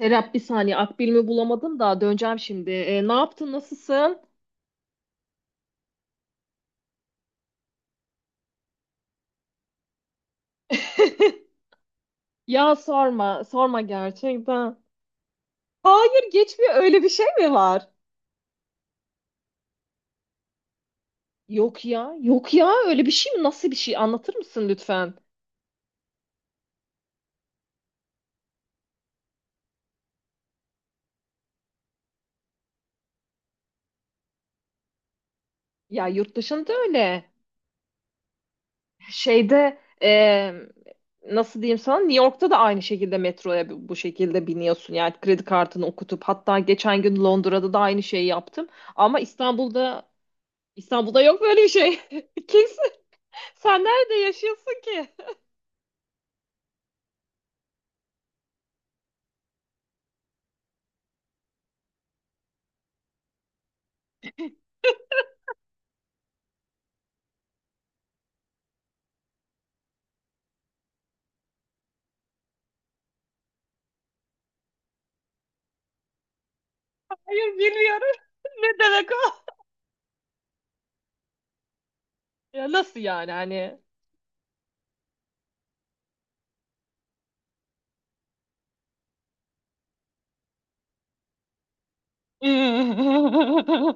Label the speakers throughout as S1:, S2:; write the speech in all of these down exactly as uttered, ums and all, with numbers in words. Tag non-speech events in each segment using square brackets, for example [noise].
S1: Serap bir saniye Akbil'imi bulamadım da döneceğim şimdi. E, ne yaptın, nasılsın? [laughs] Ya sorma sorma gerçekten. Hayır geçmiyor, öyle bir şey mi var? Yok ya yok ya öyle bir şey mi, nasıl bir şey, anlatır mısın lütfen? Ya yurt dışında öyle. Şeyde e, Nasıl diyeyim sana, New York'ta da aynı şekilde metroya bu bu şekilde biniyorsun. Yani kredi kartını okutup, hatta geçen gün Londra'da da aynı şeyi yaptım. Ama İstanbul'da İstanbul'da yok böyle bir şey. [laughs] Kesin. Sen nerede yaşıyorsun ki? [laughs] Hayır, bilmiyorum. [laughs] Ne demek o? Ya nasıl yani, hani? [laughs]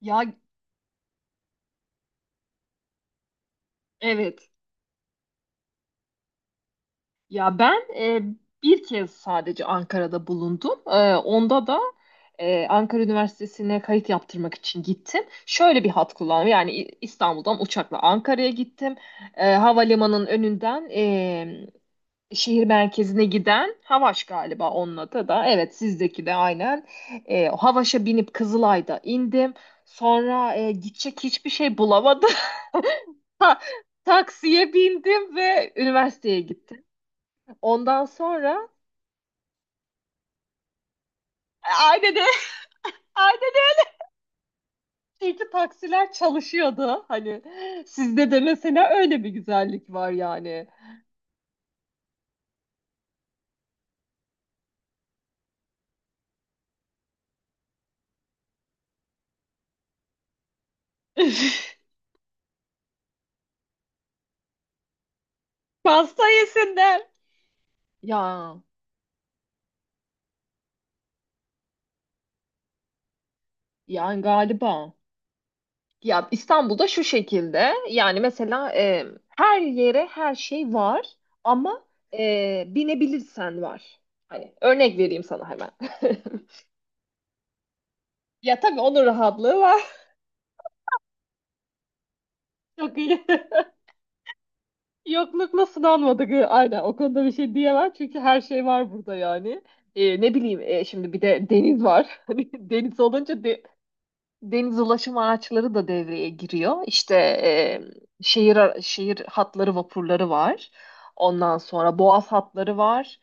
S1: Ya evet. Ya ben e, bir kez sadece Ankara'da bulundum. E, onda da e, Ankara Üniversitesi'ne kayıt yaptırmak için gittim. Şöyle bir hat kullandım. Yani İ- İstanbul'dan uçakla Ankara'ya gittim. E, havalimanının önünden e, şehir merkezine giden Havaş galiba onun adı da. Evet, sizdeki de aynen. E, Havaş'a binip Kızılay'da indim. Sonra e, gidecek hiçbir şey bulamadım. [laughs] Ta- Taksiye bindim ve üniversiteye gittim. Ondan sonra aynen öyle. [laughs] Aynen öyle. Çünkü taksiler çalışıyordu. Hani sizde de mesela öyle bir güzellik var yani. [laughs] Pasta yesinler. Ya yani galiba. Ya İstanbul'da şu şekilde, yani mesela e, her yere her şey var ama e, binebilirsen var. Hani örnek vereyim sana hemen. [laughs] Ya tabii onun rahatlığı var. [laughs] Çok iyi. [laughs] Yoklukla sınanmadık. E, Aynen o konuda bir şey diyemem çünkü her şey var burada yani. E, ne bileyim, e, şimdi bir de deniz var. [laughs] Hani deniz olunca de- deniz ulaşım araçları da devreye giriyor. İşte e, şehir ara- şehir hatları, vapurları var. Ondan sonra boğaz hatları var.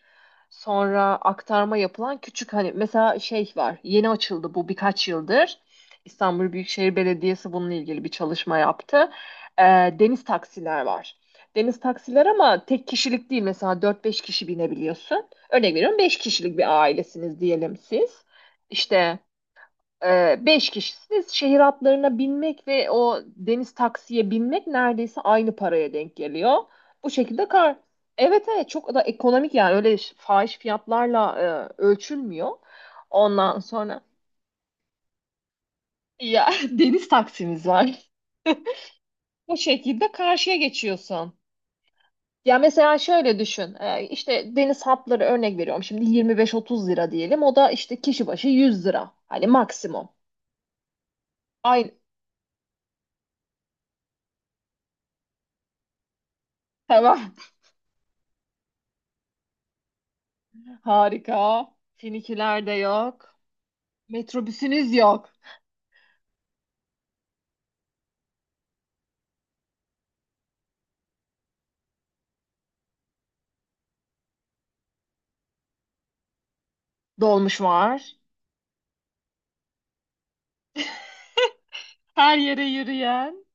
S1: Sonra aktarma yapılan küçük hani mesela şey var. Yeni açıldı bu birkaç yıldır. İstanbul Büyükşehir Belediyesi bununla ilgili bir çalışma yaptı. E, Deniz taksiler var. Deniz taksiler ama tek kişilik değil, mesela dört beş kişi binebiliyorsun. Örnek veriyorum, beş kişilik bir ailesiniz diyelim siz. İşte ee, beş kişisiniz. Şehir atlarına binmek ve o deniz taksiye binmek neredeyse aynı paraya denk geliyor. Bu şekilde kar. Evet evet, çok da ekonomik yani, öyle ş- fahiş fiyatlarla e, ölçülmüyor. Ondan sonra ya [laughs] deniz taksimiz var. Bu şekilde karşıya geçiyorsun. Ya mesela şöyle düşün. Ee, işte deniz hatları, örnek veriyorum. Şimdi yirmi beş otuz lira diyelim. O da işte kişi başı yüz lira. Hani maksimum. Aynı. Tamam. Harika. Finikiler de yok. Metrobüsünüz yok. Dolmuş var. Her yere yürüyen.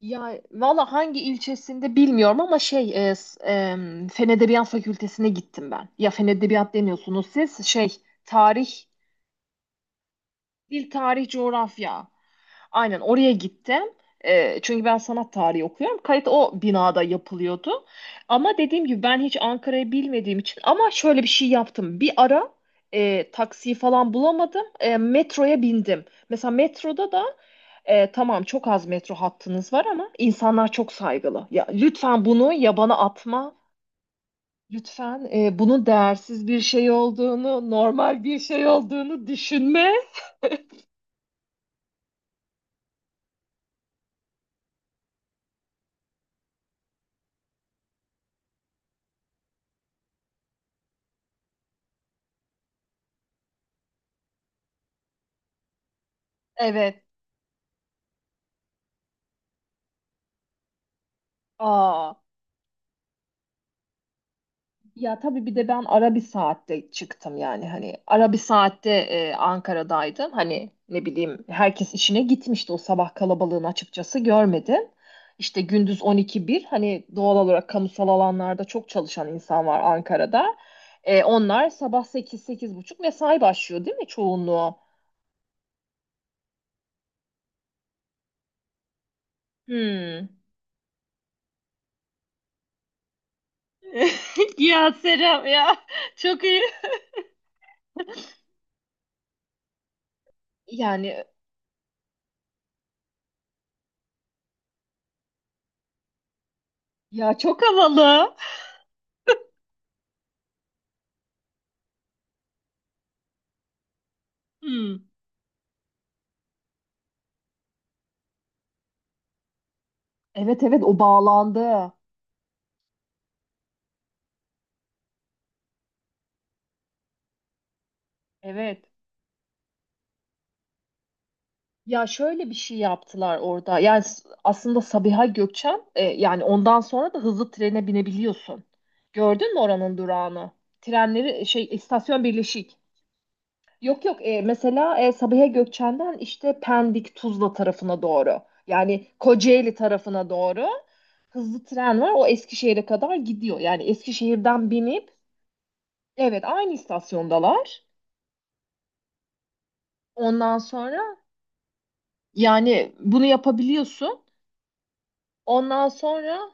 S1: Ya valla hangi ilçesinde bilmiyorum ama şey e, s- e, Fen Edebiyat Fakültesine gittim ben. Ya Fen Edebiyat demiyorsunuz siz. Şey, tarih, dil tarih coğrafya. Aynen oraya gittim. Ee, çünkü ben sanat tarihi okuyorum. Kayıt o binada yapılıyordu. Ama dediğim gibi, ben hiç Ankara'yı bilmediğim için ama şöyle bir şey yaptım. Bir ara e, taksiyi falan bulamadım. E, metroya bindim. Mesela metroda da e, tamam, çok az metro hattınız var ama insanlar çok saygılı. Ya lütfen bunu yabana atma. Lütfen e, bunun değersiz bir şey olduğunu, normal bir şey olduğunu düşünme. Evet. Aa. Ya tabii bir de ben ara bir saatte çıktım, yani hani ara bir saatte e, Ankara'daydım. Hani ne bileyim, herkes işine gitmişti, o sabah kalabalığını açıkçası görmedim. İşte gündüz on iki bir, hani doğal olarak kamusal alanlarda çok çalışan insan var Ankara'da. E, onlar sabah sekiz buçuk mesai başlıyor değil mi çoğunluğu? Hmm. [laughs] Ya Serap ya, çok iyi. Yani ya çok, çok havalı. Hmm. Evet evet, o bağlandı. Evet. Ya şöyle bir şey yaptılar orada. Yani s- aslında Sabiha Gökçen, e, yani ondan sonra da hızlı trene binebiliyorsun. Gördün mü oranın durağını? Trenleri e, şey, istasyon birleşik. Yok yok, e, mesela e, Sabiha Gökçen'den işte Pendik Tuzla tarafına doğru. Yani Kocaeli tarafına doğru hızlı tren var. O Eskişehir'e kadar gidiyor. Yani Eskişehir'den binip evet, aynı istasyondalar. Ondan sonra yani bunu yapabiliyorsun. Ondan sonra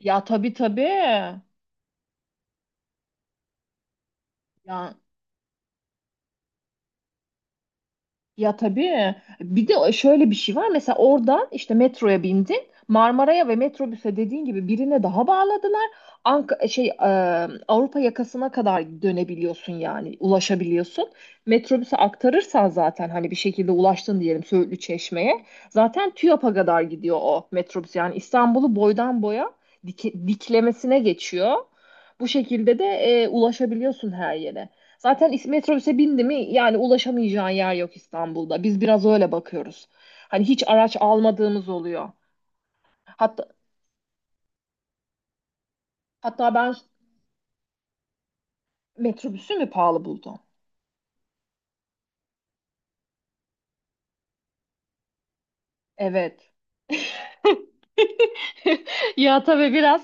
S1: ya tabii tabii. Ya, ya tabii. Bir de şöyle bir şey var. Mesela oradan işte metroya bindin. Marmara'ya ve metrobüse dediğin gibi birine daha bağladılar. Ank şey e, Avrupa yakasına kadar dönebiliyorsun, yani ulaşabiliyorsun. Metrobüse aktarırsan zaten hani bir şekilde ulaştın diyelim Söğütlü Çeşme'ye. Zaten TÜYAP'a kadar gidiyor o metrobüs. Yani İstanbul'u boydan boya dike- diklemesine geçiyor. Bu şekilde de e, ulaşabiliyorsun her yere. Zaten is- metrobüse bindi mi, yani ulaşamayacağın yer yok İstanbul'da. Biz biraz öyle bakıyoruz. Hani hiç araç almadığımız oluyor. Hatta hatta ben metrobüsü mü pahalı buldum? Evet. [laughs] Ya tabii biraz.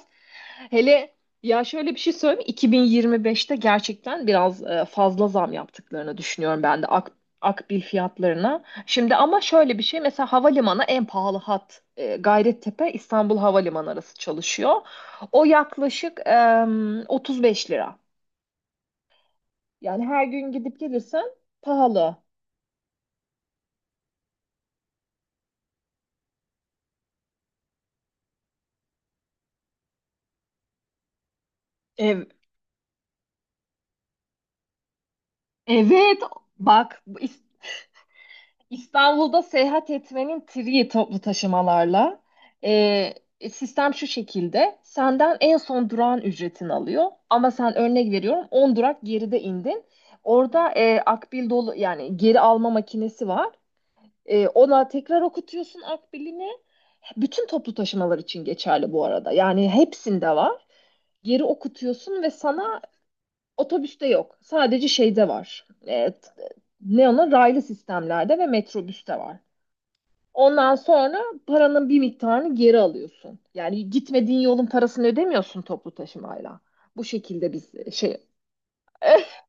S1: Hele ya şöyle bir şey söyleyeyim mi? iki bin yirmi beşte gerçekten biraz e, fazla zam yaptıklarını düşünüyorum ben de ak, akbil fiyatlarına. Şimdi ama şöyle bir şey, mesela havalimanı en pahalı hat e, Gayrettepe İstanbul Havalimanı arası çalışıyor. O yaklaşık e, otuz beş lira. Yani her gün gidip gelirsen pahalı. Ev, evet bak, İstanbul'da seyahat etmenin triği toplu taşımalarla. Ee, Sistem şu şekilde. Senden en son durağın ücretini alıyor. Ama sen örnek veriyorum, on durak geride indin. Orada e, akbil dolu, yani geri alma makinesi var. E, ona tekrar okutuyorsun akbilini. Bütün toplu taşımalar için geçerli bu arada. Yani hepsinde var. Geri okutuyorsun ve sana otobüste yok. Sadece şeyde var. E, t- ne ona, raylı sistemlerde ve metrobüste var. Ondan sonra paranın bir miktarını geri alıyorsun. Yani gitmediğin yolun parasını ödemiyorsun toplu taşımayla. Bu şekilde biz e, şey [laughs]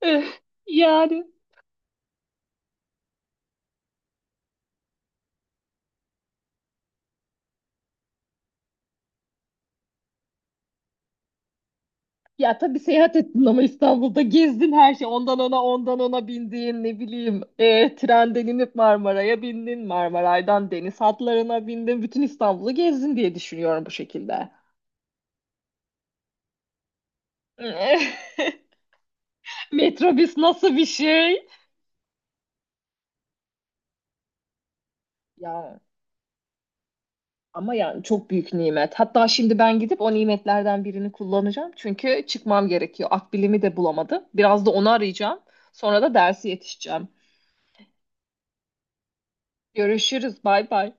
S1: Eh, yani ya tabii seyahat ettin ama İstanbul'da gezdin her şey. Ondan ona, ondan ona bindiğin, ne bileyim, eh, trenden inip Marmara'ya bindin. Marmaray'dan deniz hatlarına bindin. Bütün İstanbul'u gezdin diye düşünüyorum bu şekilde. [laughs] Metrobüs nasıl bir şey? Ya, ama yani çok büyük nimet. Hatta şimdi ben gidip o nimetlerden birini kullanacağım. Çünkü çıkmam gerekiyor. Akbilimi de bulamadım. Biraz da onu arayacağım. Sonra da dersi yetişeceğim. Görüşürüz. Bay bay.